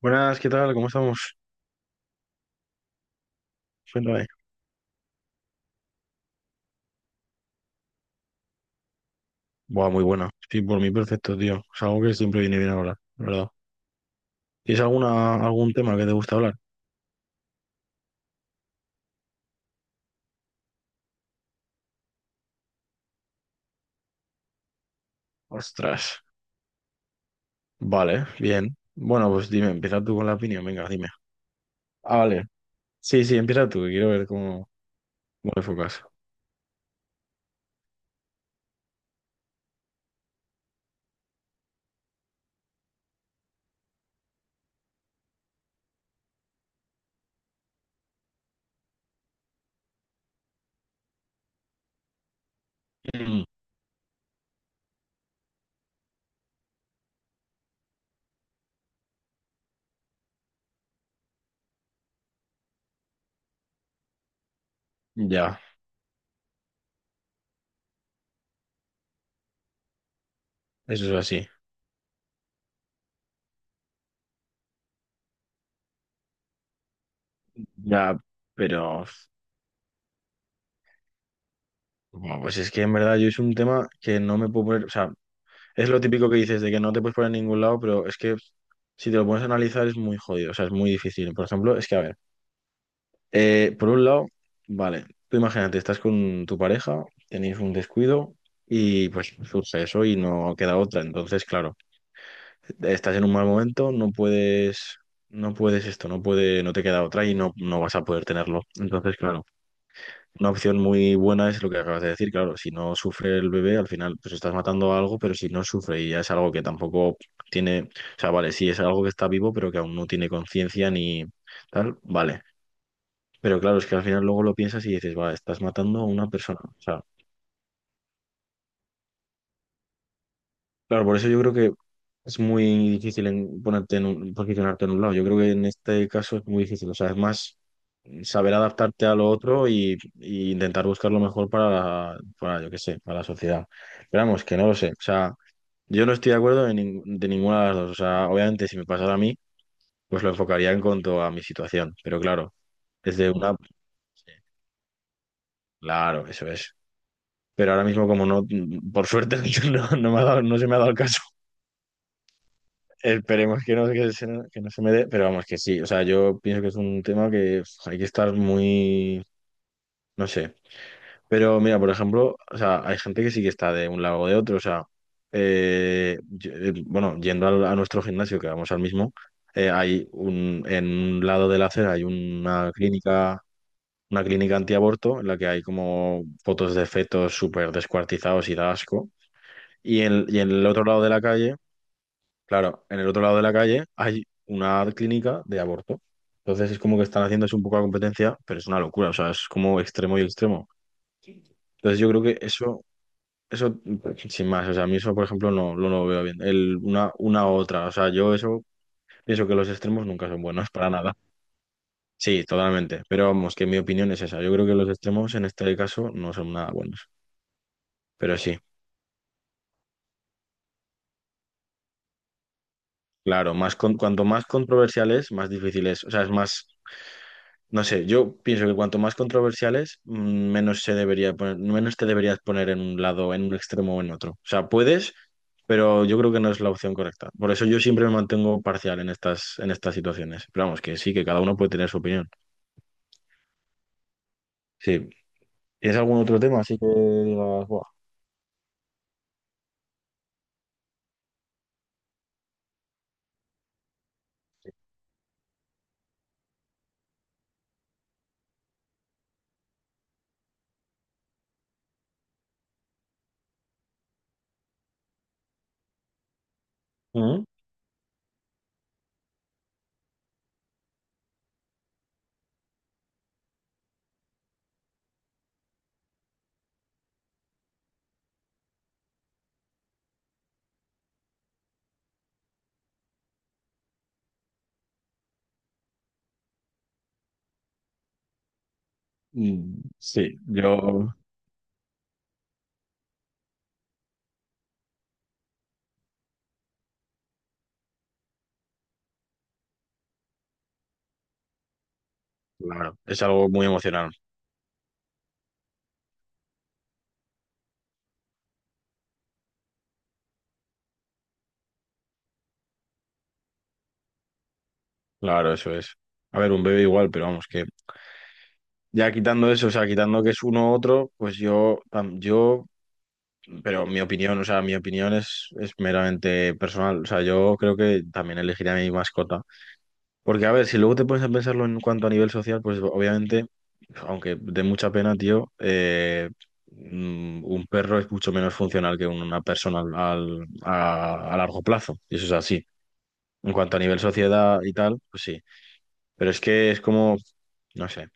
Buenas, ¿qué tal? ¿Cómo estamos? Cuéntame. Buah, muy buena. Sí, por mí perfecto, tío. Es algo que siempre viene bien hablar, la ¿verdad? ¿Tienes algún tema que te gusta hablar? Ostras. Vale, bien. Bueno, pues dime, empieza tú con la opinión, venga, dime. Ah, vale. Sí, sí, empieza tú, que quiero ver cómo te enfocas. Mm, ya, eso es así. Ya, pero... Bueno, pues es que en verdad yo es un tema que no me puedo poner... O sea, es lo típico que dices de que no te puedes poner en ningún lado, pero es que si te lo pones a analizar es muy jodido, o sea, es muy difícil. Por ejemplo, es que, a ver. Por un lado, vale, tú imagínate, estás con tu pareja, tenéis un descuido y pues surge eso y no queda otra. Entonces, claro, estás en un mal momento, no puedes esto, no te queda otra y no vas a poder tenerlo. Entonces, claro, una opción muy buena es lo que acabas de decir, claro, si no sufre el bebé, al final pues estás matando a algo, pero si no sufre y ya es algo que tampoco tiene, Vale, sí es algo que está vivo, pero que aún no tiene conciencia ni tal, vale. Pero claro, es que al final luego lo piensas y dices, va, estás matando a una persona. O sea, claro, por eso yo creo que es muy difícil en ponerte en posicionarte en un lado. Yo creo que en este caso es muy difícil. O sea, es más saber adaptarte a lo otro y intentar buscar lo mejor para, yo qué sé, para la sociedad. Pero vamos, que no lo sé. O sea, yo no estoy de acuerdo de ninguna de las dos. O sea, obviamente si me pasara a mí, pues lo enfocaría en cuanto a mi situación. Pero claro, desde una... sí, claro, eso es. Pero ahora mismo, como no, por suerte, no se me ha dado el caso. Esperemos que no, que no se me dé, pero vamos, que sí. O sea, yo pienso que es un tema que uf, hay que estar muy, no sé. Pero mira, por ejemplo, o sea, hay gente que sí que está de un lado o de otro. O sea, bueno, nuestro gimnasio, que vamos al mismo, hay en un lado de la acera hay una clínica antiaborto en la que hay como fotos de fetos súper descuartizados y da asco. Y en el otro lado de la calle, claro, en el otro lado de la calle hay una clínica de aborto. Entonces es como que están haciéndose un poco la competencia, pero es una locura, o sea, es como extremo y extremo. Entonces yo creo que eso, sin más, o sea, a mí eso, por ejemplo, no lo veo bien. Una u otra, o sea, yo eso pienso que los extremos nunca son buenos para nada. Sí, totalmente, pero vamos, que mi opinión es esa. Yo creo que los extremos en este caso no son nada buenos, pero sí. Claro, cuanto más controversial es, más difícil es. O sea, es más. No sé, yo pienso que cuanto más controversiales, menos te deberías poner en un lado, en un extremo o en otro. O sea, puedes, pero yo creo que no es la opción correcta. Por eso yo siempre me mantengo parcial en en estas situaciones. Pero vamos, que sí, que cada uno puede tener su opinión. Sí. ¿Tienes algún otro tema así que digas, "Buah, ¿mm? Mm, sí, yo, claro, es algo muy emocional. Claro, eso es. A ver, un bebé igual, pero vamos, que ya quitando eso, o sea, quitando que es uno u otro, pues yo. Pero mi opinión, o sea, mi opinión es meramente personal. O sea, yo creo que también elegiría a mi mascota. Porque, a ver, si luego te pones a pensarlo en cuanto a nivel social, pues obviamente, aunque de mucha pena, tío, un perro es mucho menos funcional que una persona a largo plazo. Y eso es así. En cuanto a nivel sociedad y tal, pues sí. Pero es que es como, no sé.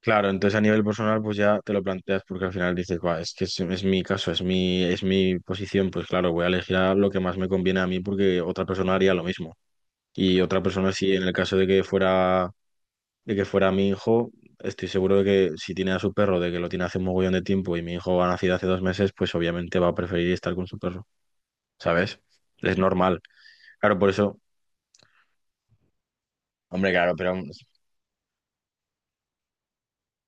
Claro, entonces a nivel personal pues ya te lo planteas porque al final dices, "Buah, es mi caso, es mi posición, pues claro, voy a elegir a lo que más me conviene a mí porque otra persona haría lo mismo. Y otra persona sí, en el caso de que fuera mi hijo, estoy seguro de que si tiene a su perro, de que lo tiene hace un mogollón de tiempo y mi hijo ha nacido hace 2 meses, pues obviamente va a preferir estar con su perro, ¿sabes? Es normal. Claro, por eso, hombre, claro, pero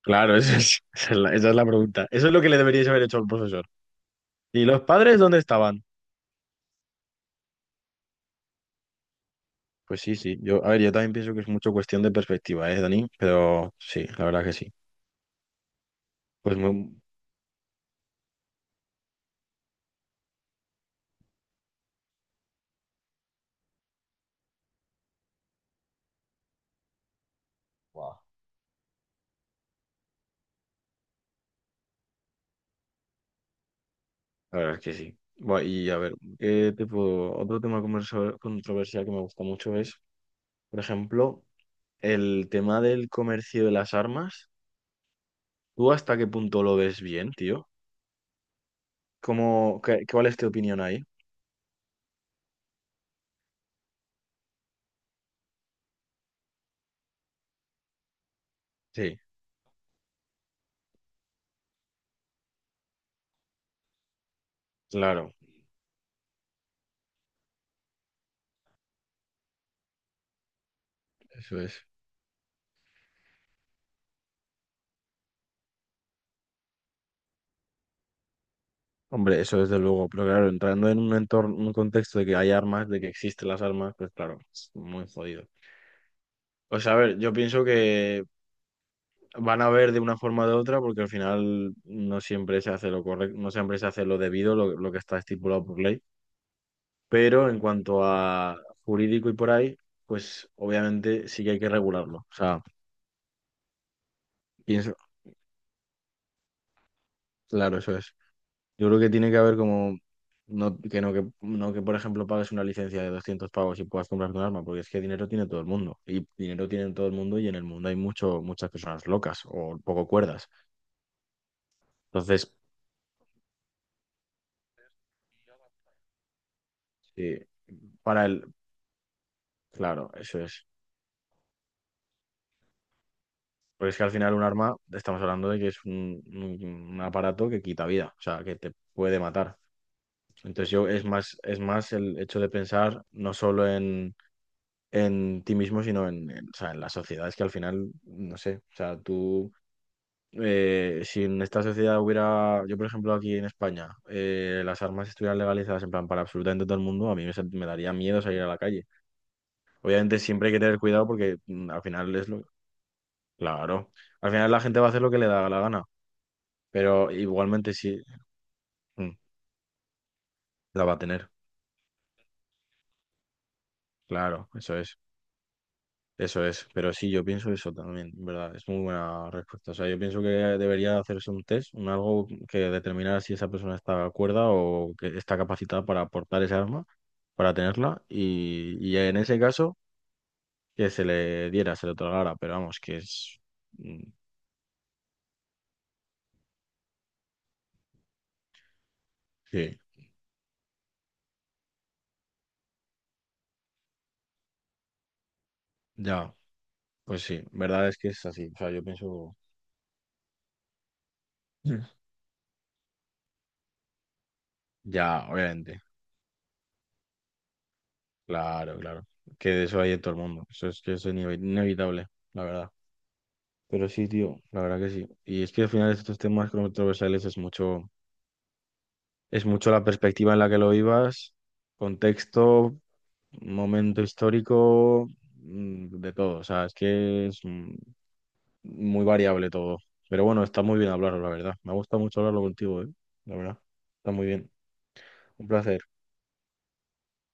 claro, esa es esa es la pregunta. Eso es lo que le deberíais haber hecho al profesor. ¿Y los padres dónde estaban? Pues sí, sí. Yo, a ver, yo también pienso que es mucho cuestión de perspectiva, ¿eh, Dani? Pero sí, la verdad que sí. Pues muy, guau, la verdad que sí. Buah, y a ver, ¿qué te puedo? Otro tema controversial que me gusta mucho es, por ejemplo, el tema del comercio de las armas. ¿Tú hasta qué punto lo ves bien, tío? ¿Cuál es tu opinión ahí? Sí, claro, eso es. Hombre, eso desde luego, pero claro, entrando en un entorno, un contexto de que hay armas, de que existen las armas, pues claro, es muy jodido. O sea, a ver, yo pienso que van a ver de una forma o de otra, porque al final no siempre se hace lo correcto, no siempre se hace lo debido, lo que está estipulado por ley. Pero en cuanto a jurídico y por ahí, pues obviamente sí que hay que regularlo. O sea, pienso, claro, eso es. Yo creo que tiene que haber como, no que por ejemplo pagues una licencia de 200 pavos y puedas comprarte un arma, porque es que dinero tiene todo el mundo. Y dinero tiene todo el mundo y en el mundo hay mucho, muchas personas locas o poco cuerdas. Entonces, sí, para el, claro, eso es. Porque es que al final un arma, estamos hablando de que es un aparato que quita vida, o sea, que te puede matar. Entonces yo es más el hecho de pensar no solo en ti mismo, sino o sea, en la sociedad. Es que al final, no sé, o sea, tú, si en esta sociedad hubiera, yo por ejemplo aquí en España, las armas estuvieran legalizadas en plan para absolutamente todo el mundo, a mí me, sent- me daría miedo salir a la calle. Obviamente siempre hay que tener cuidado porque al final es lo. Claro. Al final la gente va a hacer lo que le da la gana, pero igualmente sí, mm, la va a tener. Claro, eso es. Eso es. Pero sí, yo pienso eso también, en ¿verdad? Es muy buena respuesta. O sea, yo pienso que debería hacerse un test, un algo que determinara si esa persona está cuerda o que está capacitada para portar ese arma, para tenerla, y en ese caso que se le diera, se le otorgara, pero vamos, que es... mm, sí, ya, pues sí, verdad es que es así. O sea, yo pienso... Mm. Ya, obviamente. Claro, claro. Que de eso hay en todo el mundo. Eso es que eso es inevitable, la verdad. Pero sí, tío, la verdad que sí. Y es que al final estos temas controversiales es mucho la perspectiva en la que lo vivas, contexto, momento histórico, mm, de todo. O sea, es que es muy variable todo. Pero bueno, está muy bien hablarlo, la verdad. Me ha gustado mucho hablarlo contigo, ¿eh? La verdad. Está muy bien. Un placer.